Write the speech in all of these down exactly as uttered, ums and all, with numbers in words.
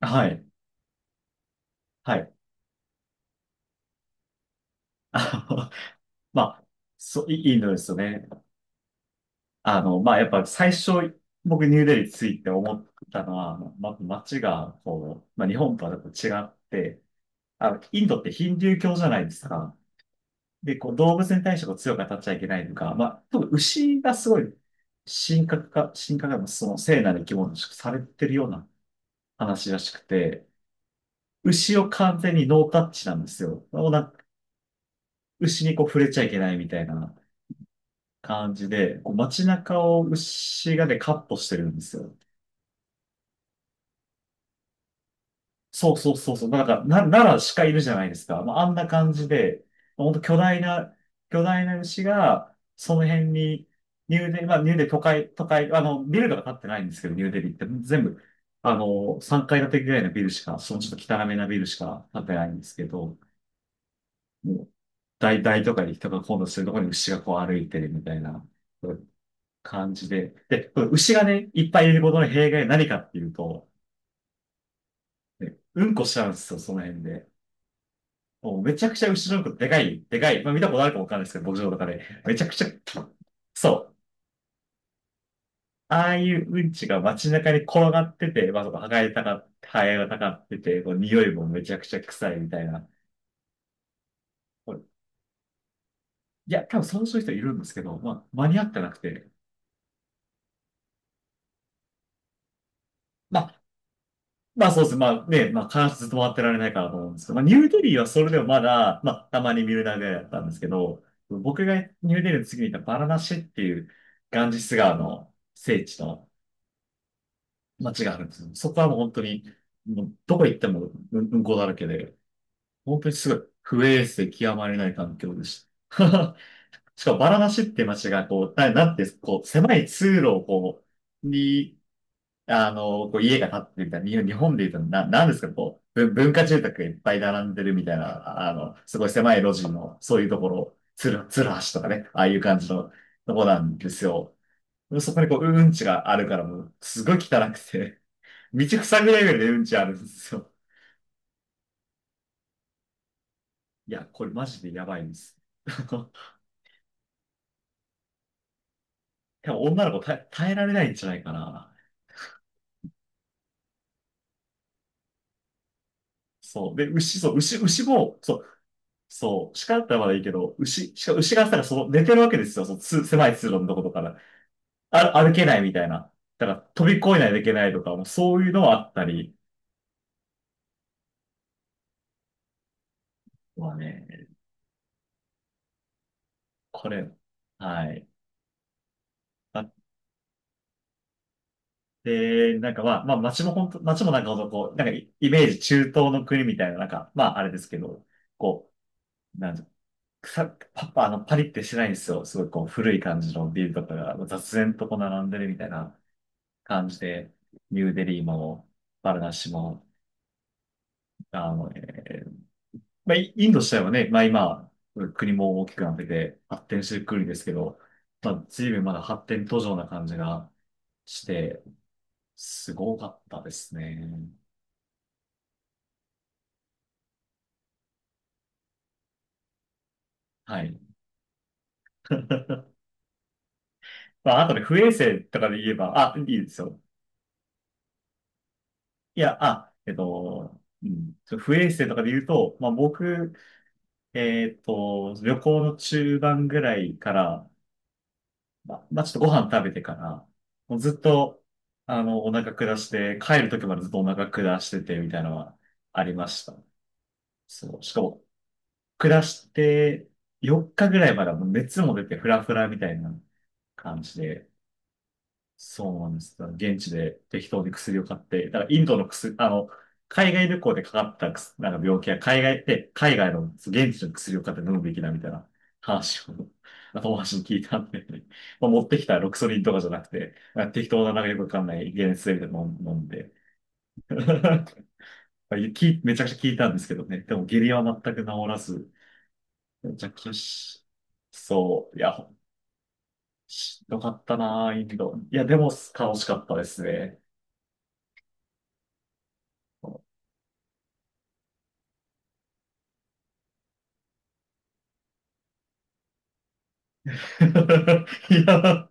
はい。はい。あのまあ、そう、いいいのですよね。あの、まあ、やっぱ最初、僕ニューデリーついて思ったのは、ま、街が、こう、まあ、日本とはやっぱ違って、あの、インドってヒンドゥー教じゃないですか。で、こう、動物に対してこう強く当たっちゃいけないとか、まあ、特に牛がすごい、神格化、神格化のその聖なる生き物としてされてるような話らしくて、牛を完全にノータッチなんですよ。もうなんか牛にこう触れちゃいけないみたいな感じで、こう街中を牛がね、カットしてるんですよ。そうそうそうそう。なんか、な、奈良鹿いるじゃないですか。まあ、あんな感じで、本当巨大な、巨大な牛が、その辺に、ニューデリ、まあ、ニューデリ都会、都会、あの、ビルとか建ってないんですけど、ニューデリって全部、あの、さんがい建てぐらいのビルしか、そのちょっと汚めなビルしか建ってないんですけど、もう、大、大都会で人が混雑するところに牛がこう歩いてるみたいな感じで。で、この牛がね、いっぱいいることの弊害は何かっていうと、ねうんこしちゃうんですよ、その辺で。もうめちゃくちゃ牛のうんこでかい、でかい。まあ見たことあるかわかんないですけど、牧場とかで。めちゃくちゃ、そう。ああいううんちが街中に転がってて、まあ、そこ、はがれたか、ハエがたかってて、こう匂いもめちゃくちゃ臭いみたいな。これいや、多分そういう人いるんですけど、まあ、間に合ってなくて。まあ、まあそうですね。まあね、まあ必ずずっと回ってられないからと思うんですけど、まあニューデリーはそれでもまだ、まあたまに見るだけだったんですけど、僕がニューデリーの次に行ったバラナシっていうガンジス川の聖地の街があるんですよ。そこはもう本当に、もうどこ行ってもうんうんこだらけで、本当にすごい不衛生極まりない環境でした。しかもバラナシって街がこう、な、なんてこう狭い通路をこう、に、あの、こう家が建ってるみたいな、日本日本で言うとな、なんですか、こう、ぶ文化住宅がいっぱい並んでるみたいな、あの、すごい狭い路地の、そういうところ、つる、つる橋とかね、ああいう感じのとこなんですよ。そこにこう、うんちがあるからもう、すごい汚くて、道塞ぐレベルでうんちあるんですよ。いや、これマジでやばいんです。多分女の子耐え、耐えられないんじゃないかな。そう。で、牛、そう、牛、牛も、そう、そう、鹿だったらまだいいけど、牛、しかも牛がさ、その寝てるわけですよ、そのつ狭い通路のとことから。あ、歩けないみたいな。だから飛び越えないといけないとか、もうそういうのはあったりはね、これ、はい。あって、なんかまあ、まあ街も本当、街もなんかほんとこう、なんかイイメージ中東の国みたいな、なんか、まああれですけど、こう、なんじゃ、草、パッパ、あの、パリってしてないんですよ。すごいこう、古い感じのビルとかが雑然とこう並んでるみたいな感じで、ニューデリーも、バルナシも、あの、えーまあ、イインド自体はね、まあ今、国も大きくなってて発展してくるんですけど、まあ随分まだ発展途上な感じがして、すごかったですね。はい。まあ、あとね、不衛生とかで言えば、あ、いいですよ。いや、あ、えっと、うん、ちょ不衛生とかで言うと、まあ僕、えっと、旅行の中盤ぐらいから、ま、まあ、ちょっとご飯食べてから、もうずっと、あの、お腹下して、帰る時までずっとお腹下してて、みたいなのはありました。そう。しかも、下して、よっかぐらいまではもう熱も出て、フラフラみたいな感じで、そうなんです。だから現地で適当に薬を買って、だからインドの薬、あの、海外旅行でかかった薬なんか病気は海外で、海外の現地の薬を買って飲むべきだみたいな話を、あ友達に聞いたんで、まあ、持ってきたロキソニンとかじゃなくて、なんか適当ななんかよくわかんない解熱剤みたいなの飲んで、まあきめちゃくちゃ聞いたんですけどね。でも下痢は全く治らず、めちゃくちゃし、そう、いや、しんどかったなぁ、インド。いや、でも楽しかったですね。いや、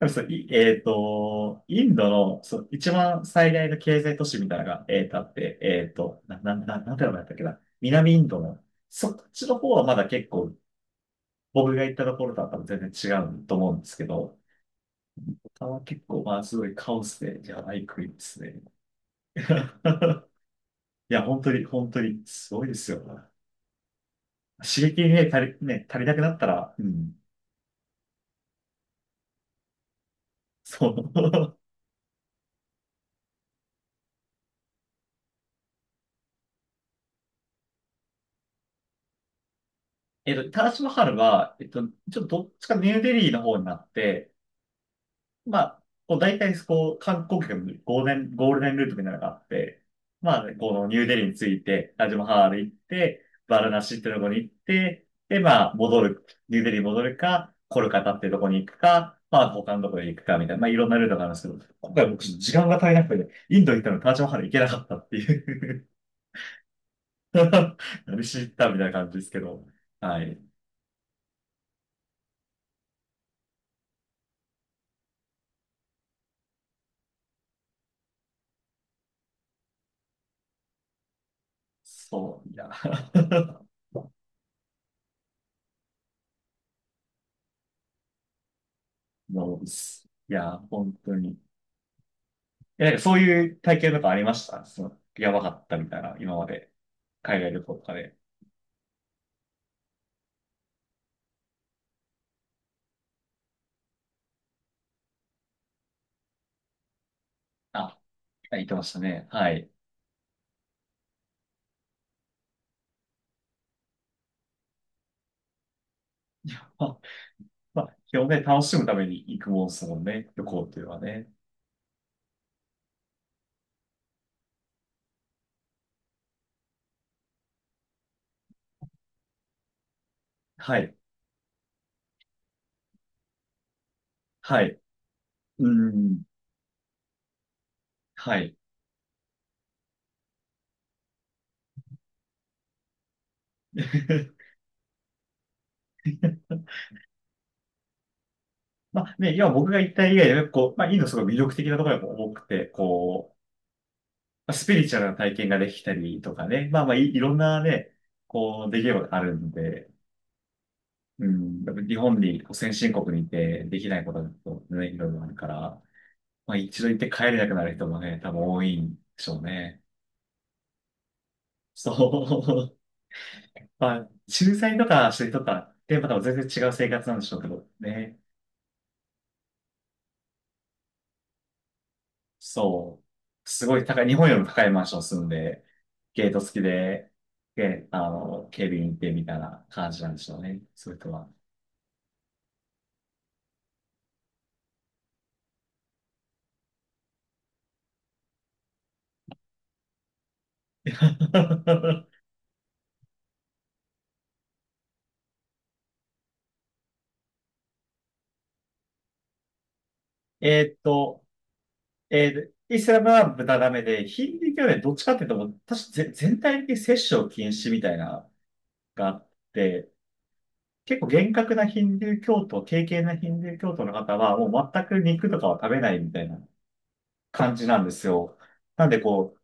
そう、いえっと、インドの、そう、一番最大の経済都市みたいなのが、えっと、あって、えっと、な、な、な、なんて名前だったっけな。南インドの、そっちの方はまだ結構、僕が行ったところとは多分全然違うと思うんですけど、他は結構、まあ、すごいカオスで、やばい国ですね。いや、本当に、本当に、すごいですよ。刺激にね、足り、ね、足りなくなったら、うん、そう。えっと、タージマハルは、えっと、ちょっとどっちかニューデリーの方になって、まあ、こう大体そこう観光客のゴールデン、ゴールデンルートみたいなのがあって、まあ、このニューデリーについて、タージマハル行って、バラナシってとこに行って、で、まあ、戻る、ニューデリーに戻るか、コルカタってとこに行くか、まあ、他のとこに行くか、みたいな、まあ、いろんなルートがあるんですけど、今回僕、時間が足りなくて、インド行ったのにタージマハル行けなかったっていう 何しに行ったみたいな感じですけど、はい。そう、いや。もうです、いや、本当に。え、なんかそういう体験とかありましたその、やばかったみたいな、今まで。海外旅行とかで。あ、言ってましたね。はい。あ、まあ、基本ね、楽しむために行くもんですもんね。旅行っていうのはね。はい。はい。うん。はい。まあね、今僕が言った以外でも、こう、まあ、インドすごい魅力的なところが多くて、こう、まあスピリチュアルな体験ができたりとかね、まあまあい、いろんなね、こう、出来事があるんで、うん、やっぱ日本にこう先進国にいてできないことだとね、いろいろあるから、まあ一度行って帰れなくなる人もね、多分多いんでしょうね。そう。まあ、駐在とかしてる人とかって、また全然違う生活なんでしょうけどね。そう。すごい高い、日本よりも高いマンション住んで、ゲート付きで、で、あの、警備員いてみたいな感じなんでしょうね。そういう人は。えーっと、えーイスラムは豚ダメで、ヒンディー教はねどっちかっていうと、もう確かぜ全体的に摂取を禁止みたいながあって、結構厳格なヒンディー教徒、敬虔なヒンディー教徒の方は、もう全く肉とかは食べないみたいな感じなんですよ。なんでこう、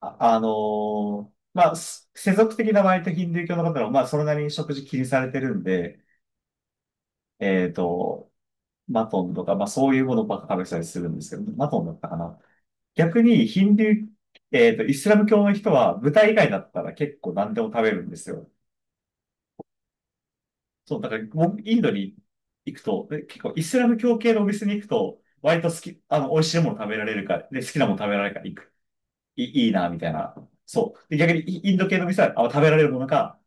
あ、あのーまあ、す世俗的な割とヒンディー教の方は、まあ、それなりに食事気にされてるんで、えっと、マトンとか、まあ、そういうものばっか食べてたりするんですけど、マトンだったかな。逆にヒンドゥー、えっと、イスラム教の人は豚以外だったら結構何でも食べるんですよ。そう、だから僕、インドに行くと、で結構イスラム教系のお店に行くと、割と好き、あの、美味しいもの食べられるから、で、好きなもの食べられるから行く。いい、いいな、みたいな。そう。で、逆にイインド系の店は、あ食べられるものが、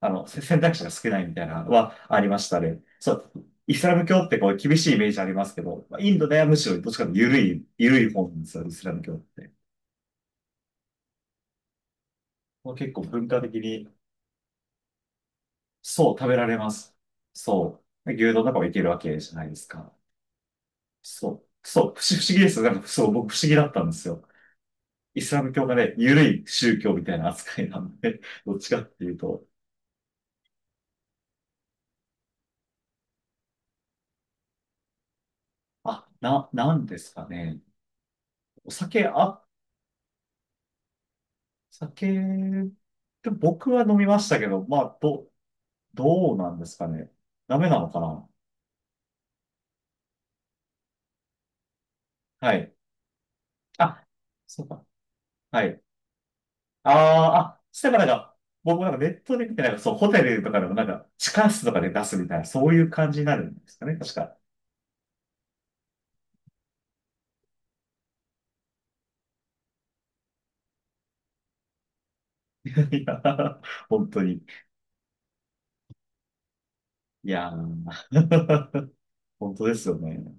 あの、せ選択肢が少ないみたいなのはありましたね。そう。イスラム教ってこう厳しいイメージありますけど、まあインドではむしろどっちかというと緩い、緩い方なんですよ、イスラム教って。もう結構文化的にそう、食べられます。そう。牛丼とかもいけるわけじゃないですか。そう。そう。不思不思議ですよ。なんか、そう、僕不思議だったんですよ。イスラム教がね、緩い宗教みたいな扱いなんで、どっちかっていうと、あ、な、なんですかね。お酒、あ、酒、でも僕は飲みましたけど、まあ、ど、どうなんですかね。ダメなのかな。はい。あ、そうか。はい。ああ、あ、そしたらなんか、僕もなんかネットで見て、なんかそう、ホテルとかでもなんか、地下室とかで出すみたいな、そういう感じになるんですかね、確か。いや、本当に。いやー、本当ですよね。